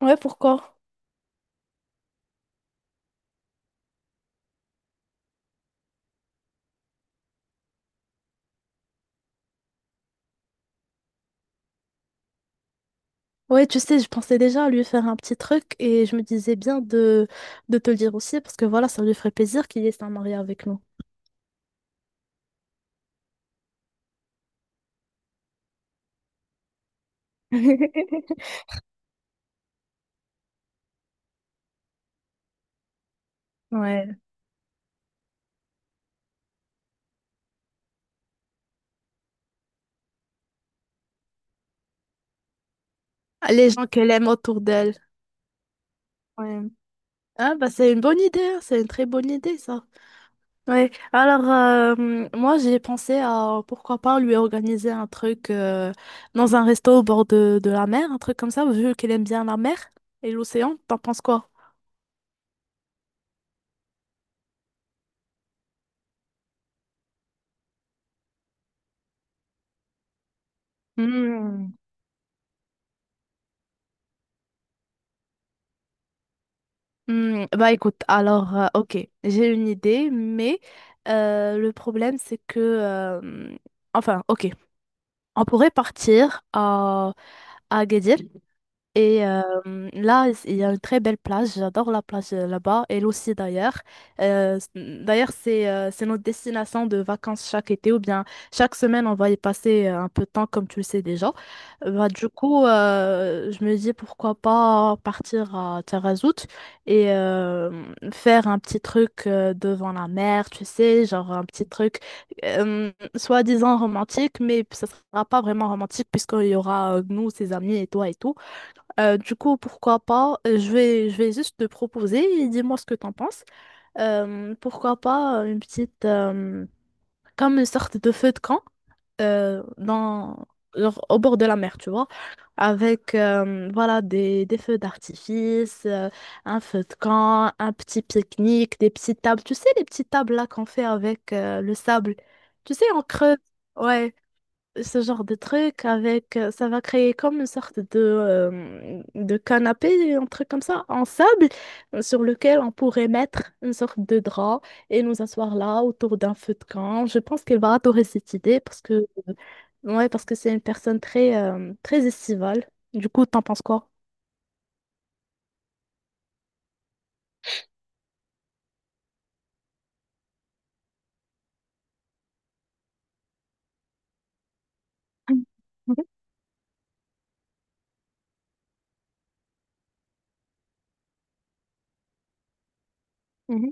Ouais, pourquoi? Ouais, tu sais, je pensais déjà à lui faire un petit truc et je me disais bien de te le dire aussi parce que voilà, ça lui ferait plaisir qu'il y ait un marié avec nous. Ouais. Ah, les gens qu'elle aime autour d'elle. Ouais. Ah, bah c'est une bonne idée, hein, c'est une très bonne idée ça. Ouais, alors moi j'ai pensé à pourquoi pas lui organiser un truc dans un resto au bord de la mer, un truc comme ça, vu qu'elle aime bien la mer et l'océan. T'en penses quoi? Hmm. Hmm, bah écoute, alors, ok, j'ai une idée, mais le problème c'est que, enfin, ok, on pourrait partir à Agadir, et là, il y a une très belle plage. J'adore la plage là-bas, elle aussi d'ailleurs. D'ailleurs, c'est notre destination de vacances chaque été ou bien chaque semaine, on va y passer un peu de temps, comme tu le sais déjà. Bah, du coup, je me dis pourquoi pas partir à Tarazout et faire un petit truc devant la mer, tu sais, genre un petit truc soi-disant romantique, mais ça sera pas vraiment romantique puisqu'il y aura nous, ses amis et toi et tout. Du coup, pourquoi pas, je vais juste te proposer et dis-moi ce que t'en penses. Pourquoi pas une petite, comme une sorte de feu de camp dans, genre au bord de la mer, tu vois, avec voilà des feux d'artifice, un feu de camp, un petit pique-nique, des petites tables, tu sais, les petites tables là qu'on fait avec le sable, tu sais, on creuse. Ouais, ce genre de truc avec ça va créer comme une sorte de canapé, un truc comme ça, en sable, sur lequel on pourrait mettre une sorte de drap et nous asseoir là autour d'un feu de camp. Je pense qu'elle va adorer cette idée parce que ouais, parce que c'est une personne très très estivale. Du coup, t'en penses quoi? Mhm, mhm,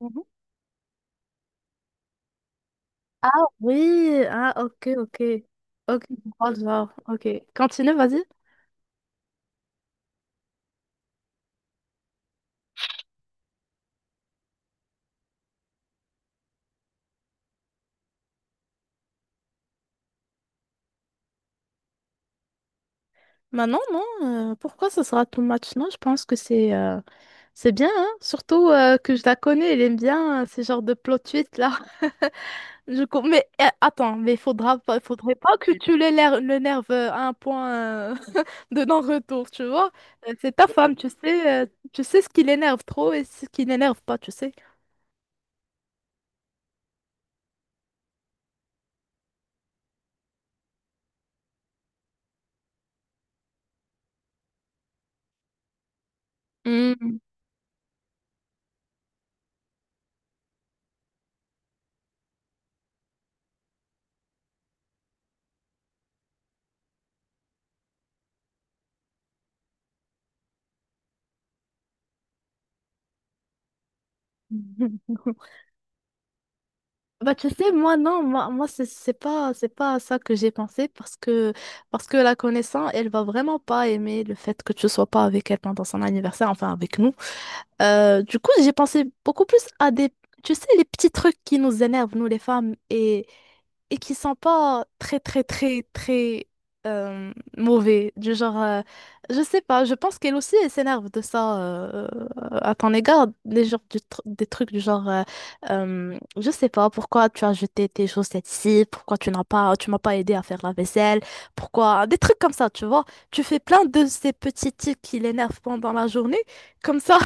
mhm. Ah oui, ah ok, ok. Ok, je vois le genre, ok. Continue, vas-y. Bah non, non, pourquoi ce sera too much? Non, je pense que c'est bien, hein. Surtout que je la connais, elle aime bien ces genres de plot twist là. Mais attends, mais il faudra pas, faudrait pas que tu l'énerves à un point de non-retour, tu vois. C'est ta femme, tu sais ce qui l'énerve trop et ce qui l'énerve pas, tu sais. Hmm. Bah, tu sais, moi, non, moi, moi c'est c'est pas à ça que j'ai pensé parce que la connaissance, elle va vraiment pas aimer le fait que tu sois pas avec elle pendant son anniversaire, enfin avec nous. Du coup, j'ai pensé beaucoup plus à des, tu sais, les petits trucs qui nous énervent, nous les femmes, et qui sont pas très très très très euh, mauvais du genre je sais pas, je pense qu'elle aussi elle s'énerve de ça à ton égard, des genres des trucs du genre je sais pas pourquoi tu as jeté tes chaussettes ici, pourquoi tu m'as pas aidé à faire la vaisselle, pourquoi des trucs comme ça, tu vois. Tu fais plein de ces petits tics qui l'énervent pendant la journée, comme ça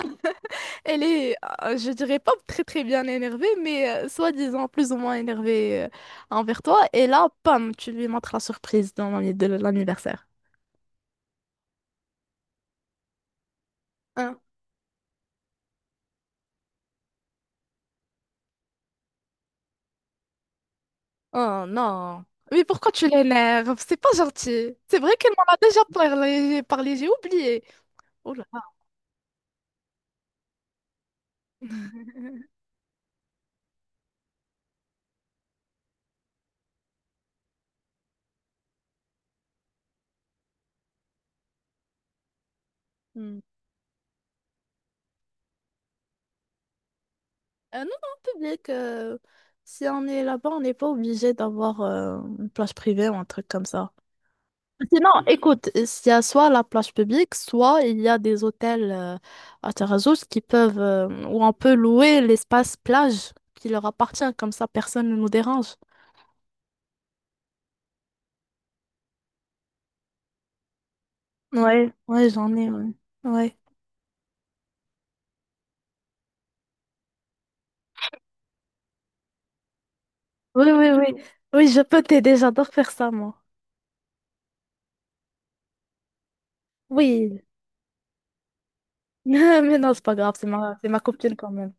elle est, je dirais pas très très bien énervée, mais soi-disant plus ou moins énervée envers toi. Et là, pam, tu lui montres la surprise dans de l'anniversaire. Hein? Oh non. Mais pourquoi tu l'énerves? C'est pas gentil. C'est vrai qu'elle m'en a déjà parlé, j'ai oublié. Oh là là. Hmm. Non, non, public. Si on est là-bas, on n'est pas obligé d'avoir une plage privée ou un truc comme ça. Sinon, écoute, il y a soit la plage publique, soit il y a des hôtels à Tarazout qui peuvent, où on peut louer l'espace plage qui leur appartient, comme ça personne ne nous dérange. Ouais, ouais, j'en ai, ouais. Ouais. Oui, oui, oui. Oui, je peux t'aider, j'adore faire ça, moi. Oui. Mais non, c'est pas grave, c'est ma copine quand même.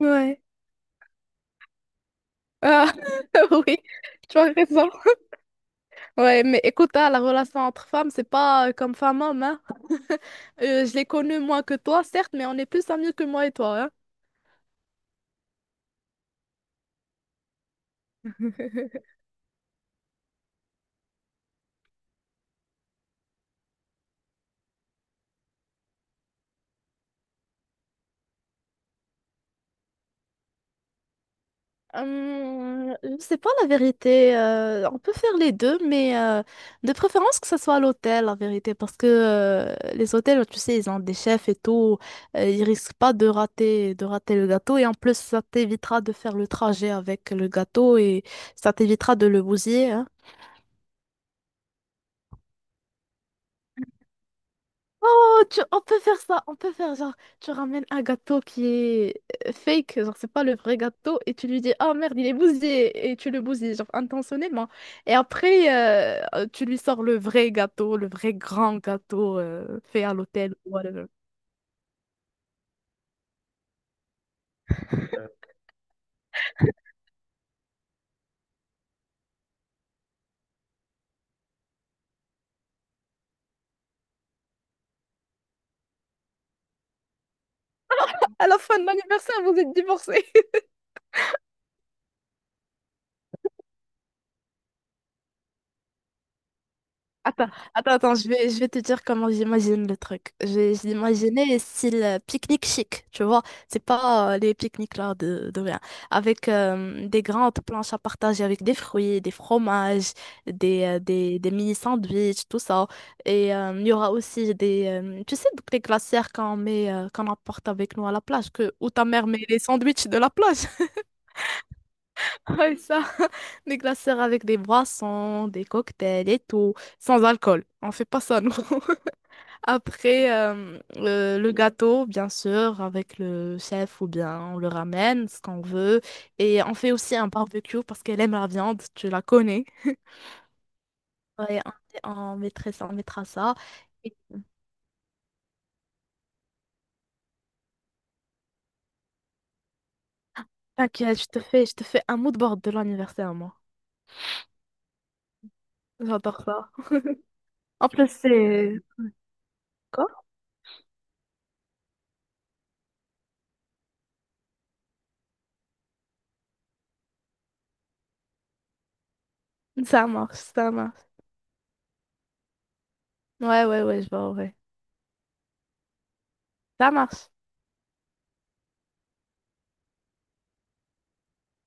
Ouais. Ah, oui, tu as raison. Ouais, mais écoute, hein, la relation entre femmes, c'est pas comme femme-homme. Je les connais moins que toi, certes, mais on est plus amis que moi et toi, hein. C'est pas la vérité. On peut faire les deux, mais de préférence que ça soit à l'hôtel, la vérité, parce que les hôtels, tu sais, ils ont des chefs et tout. Ils risquent pas de rater, de rater le gâteau. Et en plus, ça t'évitera de faire le trajet avec le gâteau et ça t'évitera de le bousiller, hein. Oh, on peut faire ça, on peut faire genre, tu ramènes un gâteau qui est fake, genre c'est pas le vrai gâteau, et tu lui dis, ah merde, il est bousillé, et tu le bousilles, genre intentionnellement. Et après, tu lui sors le vrai gâteau, le vrai grand gâteau fait à l'hôtel, ou whatever. À la fin de l'anniversaire, vous êtes divorcés. Attends, attends, attends, je vais te dire comment j'imagine le truc. J'ai imaginé style pique-nique chic, tu vois. C'est pas les pique-niques là de rien. Avec des grandes planches à partager avec des fruits, des fromages, des mini sandwichs, tout ça. Et il y aura aussi des, tu sais, donc les glacières qu'on met, qu'on emporte avec nous à la plage, que, où ta mère met les sandwichs de la plage. Ouais, ça. Des glaceurs avec des boissons, des cocktails et tout, sans alcool. On fait pas ça, nous. Après, le gâteau, bien sûr, avec le chef ou bien on le ramène, ce qu'on veut. Et on fait aussi un barbecue parce qu'elle aime la viande, tu la connais. Ouais, on mettrait ça, on mettra ça. Et t'inquiète, je te fais un mood board de l'anniversaire, moi. J'adore ça. En plus, c'est... Quoi? Ça marche, ça marche. Ouais, ouais, ouais, je vois, ouais. Ça marche.